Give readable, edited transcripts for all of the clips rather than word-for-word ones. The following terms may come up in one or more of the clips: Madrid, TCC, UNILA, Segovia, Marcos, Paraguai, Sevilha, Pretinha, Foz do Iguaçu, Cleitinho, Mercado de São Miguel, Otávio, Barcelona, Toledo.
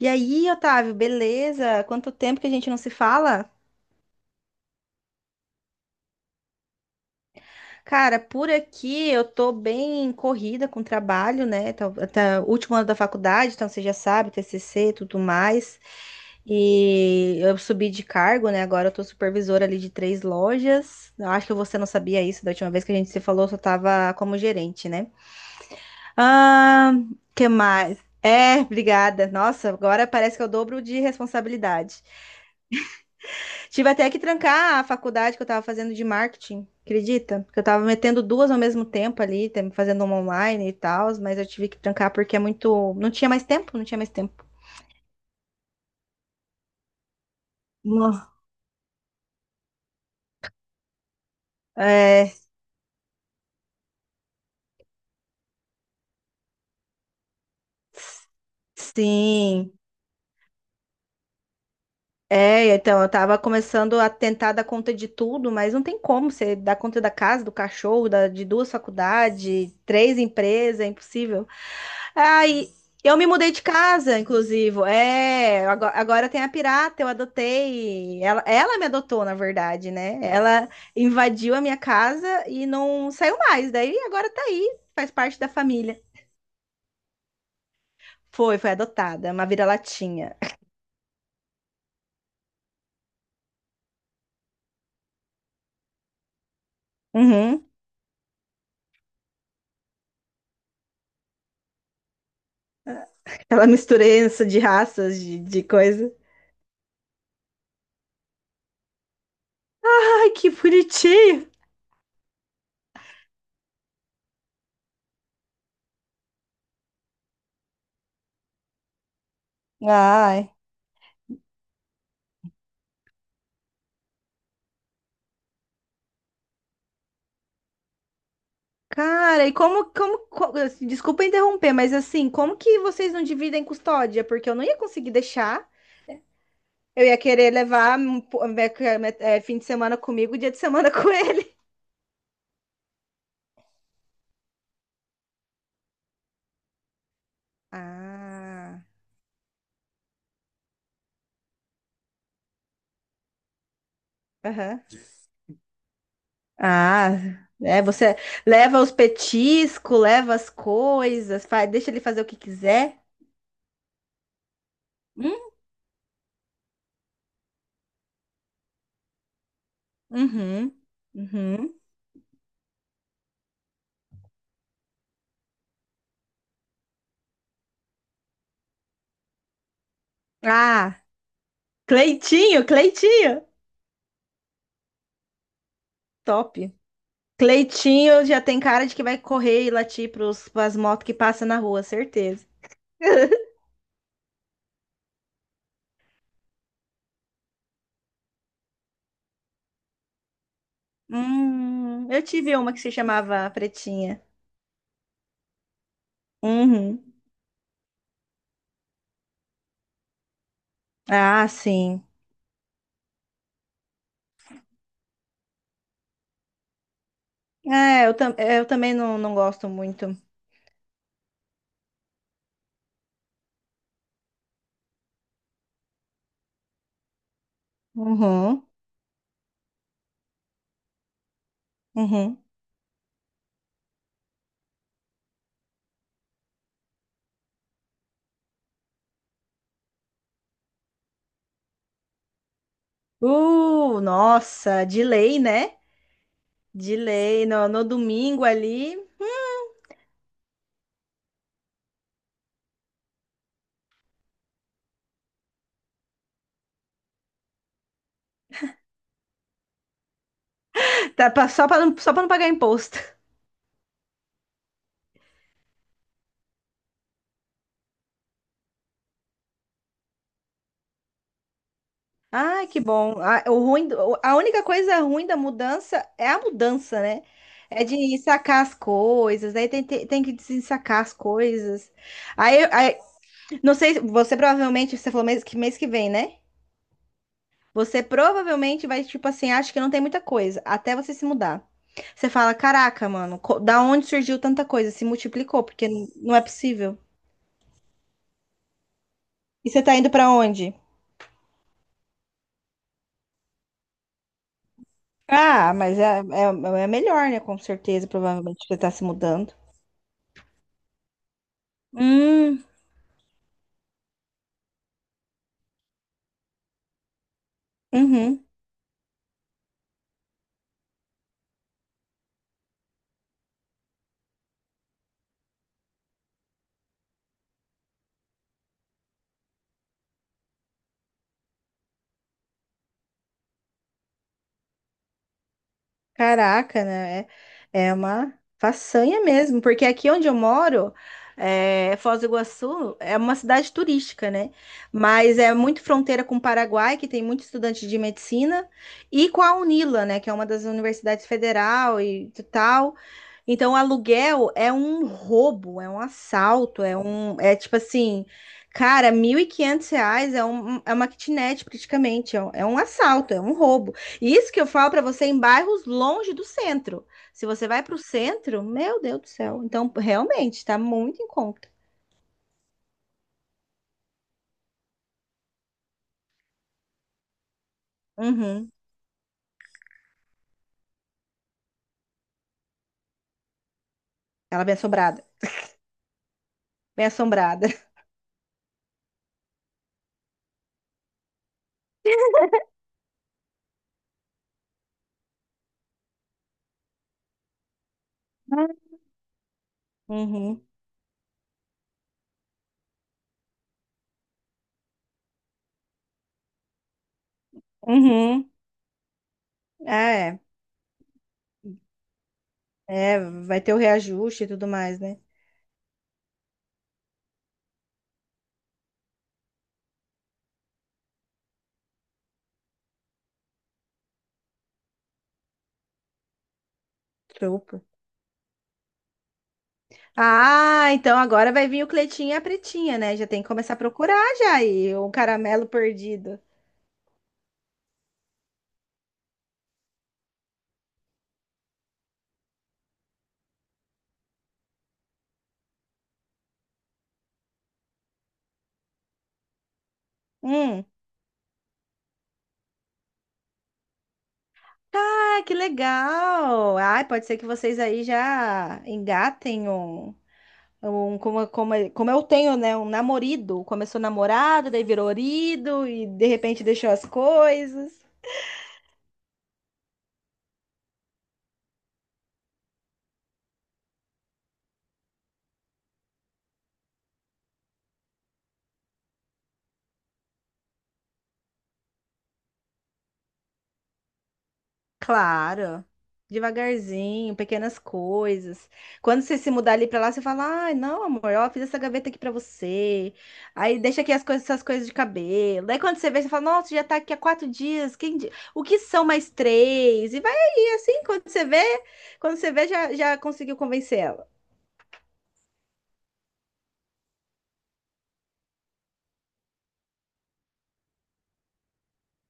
E aí, Otávio, beleza? Quanto tempo que a gente não se fala? Cara, por aqui eu tô bem corrida com trabalho, né? Tá, último ano da faculdade, então você já sabe, TCC e tudo mais. E eu subi de cargo, né? Agora eu tô supervisora ali de três lojas. Eu acho que você não sabia isso da última vez que a gente se falou, eu só tava como gerente, né? Ah, que mais? É, obrigada. Nossa, agora parece que eu dobro de responsabilidade. Tive até que trancar a faculdade que eu tava fazendo de marketing, acredita? Que eu tava metendo duas ao mesmo tempo ali, fazendo uma online e tal, mas eu tive que trancar porque é muito. Não tinha mais tempo, não tinha mais tempo. Nossa. É, sim. É, então eu tava começando a tentar dar conta de tudo, mas não tem como você dar conta da casa, do cachorro, de duas faculdades, três empresas, é impossível. Aí eu me mudei de casa, inclusive. É, agora, tem a pirata, eu adotei. Ela me adotou, na verdade, né? Ela invadiu a minha casa e não saiu mais. Daí agora tá aí, faz parte da família. Foi, foi adotada, uma vira-latinha. Uhum. Ela mistura isso de raças, de coisa. Ai, que bonitinho! Ai. Cara, e assim, desculpa interromper, mas assim, como que vocês não dividem custódia? Porque eu não ia conseguir deixar, eu ia querer levar um fim de semana comigo, dia de semana com ele. Ah, aham. Ah, é, você leva os petiscos, leva as coisas, faz, deixa ele fazer o que quiser. Hum? Uhum, uhum. Ah, Cleitinho, Cleitinho, top. Cleitinho já tem cara de que vai correr e latir pros, pras motos que passam na rua, certeza. Eu tive uma que se chamava Pretinha. Uhum. Ah, sim. É, eu também não, não gosto muito. Uhum, uhum. Nossa, de lei, né? De lei, no domingo ali. Tá, só pra não pagar imposto. Ai, que bom. A única coisa ruim da mudança é a mudança, né? É de sacar as coisas, aí tem que desensacar as coisas. Aí, não sei, você falou mês que vem, né? Você provavelmente vai, tipo assim, acha que não tem muita coisa, até você se mudar. Você fala, caraca, mano, da onde surgiu tanta coisa? Se multiplicou, porque não é possível. E você tá indo pra onde? Ah, mas é melhor, né? Com certeza, provavelmente, que você tá se mudando. Hum. Uhum. Caraca, né? É uma façanha mesmo, porque aqui onde eu moro, Foz do Iguaçu é uma cidade turística, né? Mas é muito fronteira com o Paraguai, que tem muito estudante de medicina, e com a UNILA, né? Que é uma das universidades federal e tal. Então, o aluguel é um roubo, é um assalto, é um, é tipo assim, cara, R$ 1.500 é, um, é uma kitnet praticamente, é um assalto, é um roubo. Isso que eu falo para você em bairros longe do centro. Se você vai para o centro, meu Deus do céu. Então, realmente, tá muito em conta. Uhum. Ela é bem assombrada. Bem assombrada. Uhum. Uhum. Ah, é, é, vai ter o reajuste e tudo mais, né? Super. Ah, então agora vai vir o Cleitinho e a Pretinha, né? Já tem que começar a procurar já aí o caramelo perdido. Hum. Ah, que legal! Ai, pode ser que vocês aí já engatem um. Um, como eu tenho, né? Um namorido. Começou namorado, daí virou orido e de repente deixou as coisas. Claro, devagarzinho, pequenas coisas. Quando você se mudar ali pra lá, você fala: ai, não, amor, ó, fiz essa gaveta aqui pra você. Aí deixa aqui as coisas, essas coisas de cabelo. Daí quando você vê, você fala: nossa, já tá aqui há 4 dias. O que são mais três? E vai aí, assim, quando você vê, já conseguiu convencer ela.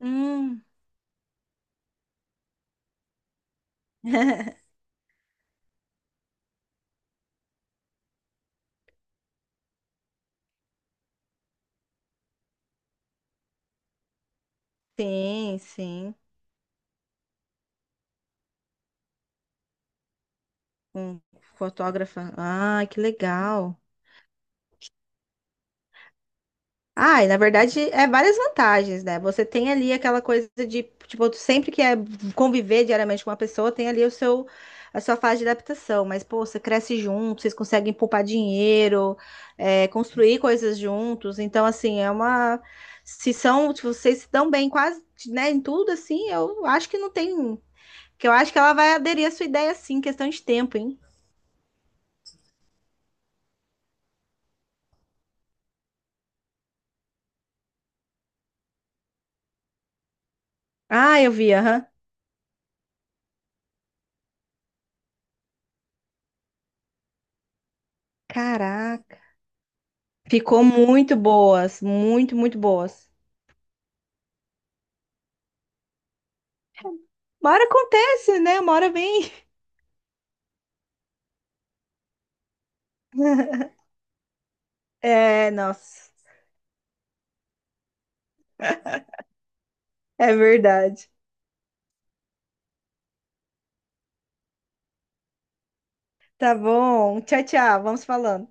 Hum, sim, sim. Com fotógrafa. Ah, que legal. Ah, e na verdade é várias vantagens, né? Você tem ali aquela coisa de, tipo, tu sempre que é conviver diariamente com uma pessoa, tem ali o seu a sua fase de adaptação, mas pô, você cresce junto, vocês conseguem poupar dinheiro, construir coisas juntos. Então, assim, é uma se são, se vocês se dão bem quase, né, em tudo assim, eu acho que não tem, que eu acho que ela vai aderir à sua ideia assim, questão de tempo, hein? Ah, eu vi, aham. Caraca. Ficou muito boas, muito, muito boas. Uma hora acontece, né? Uma hora vem. É, nossa, é verdade. Tá bom. Tchau, tchau. Vamos falando.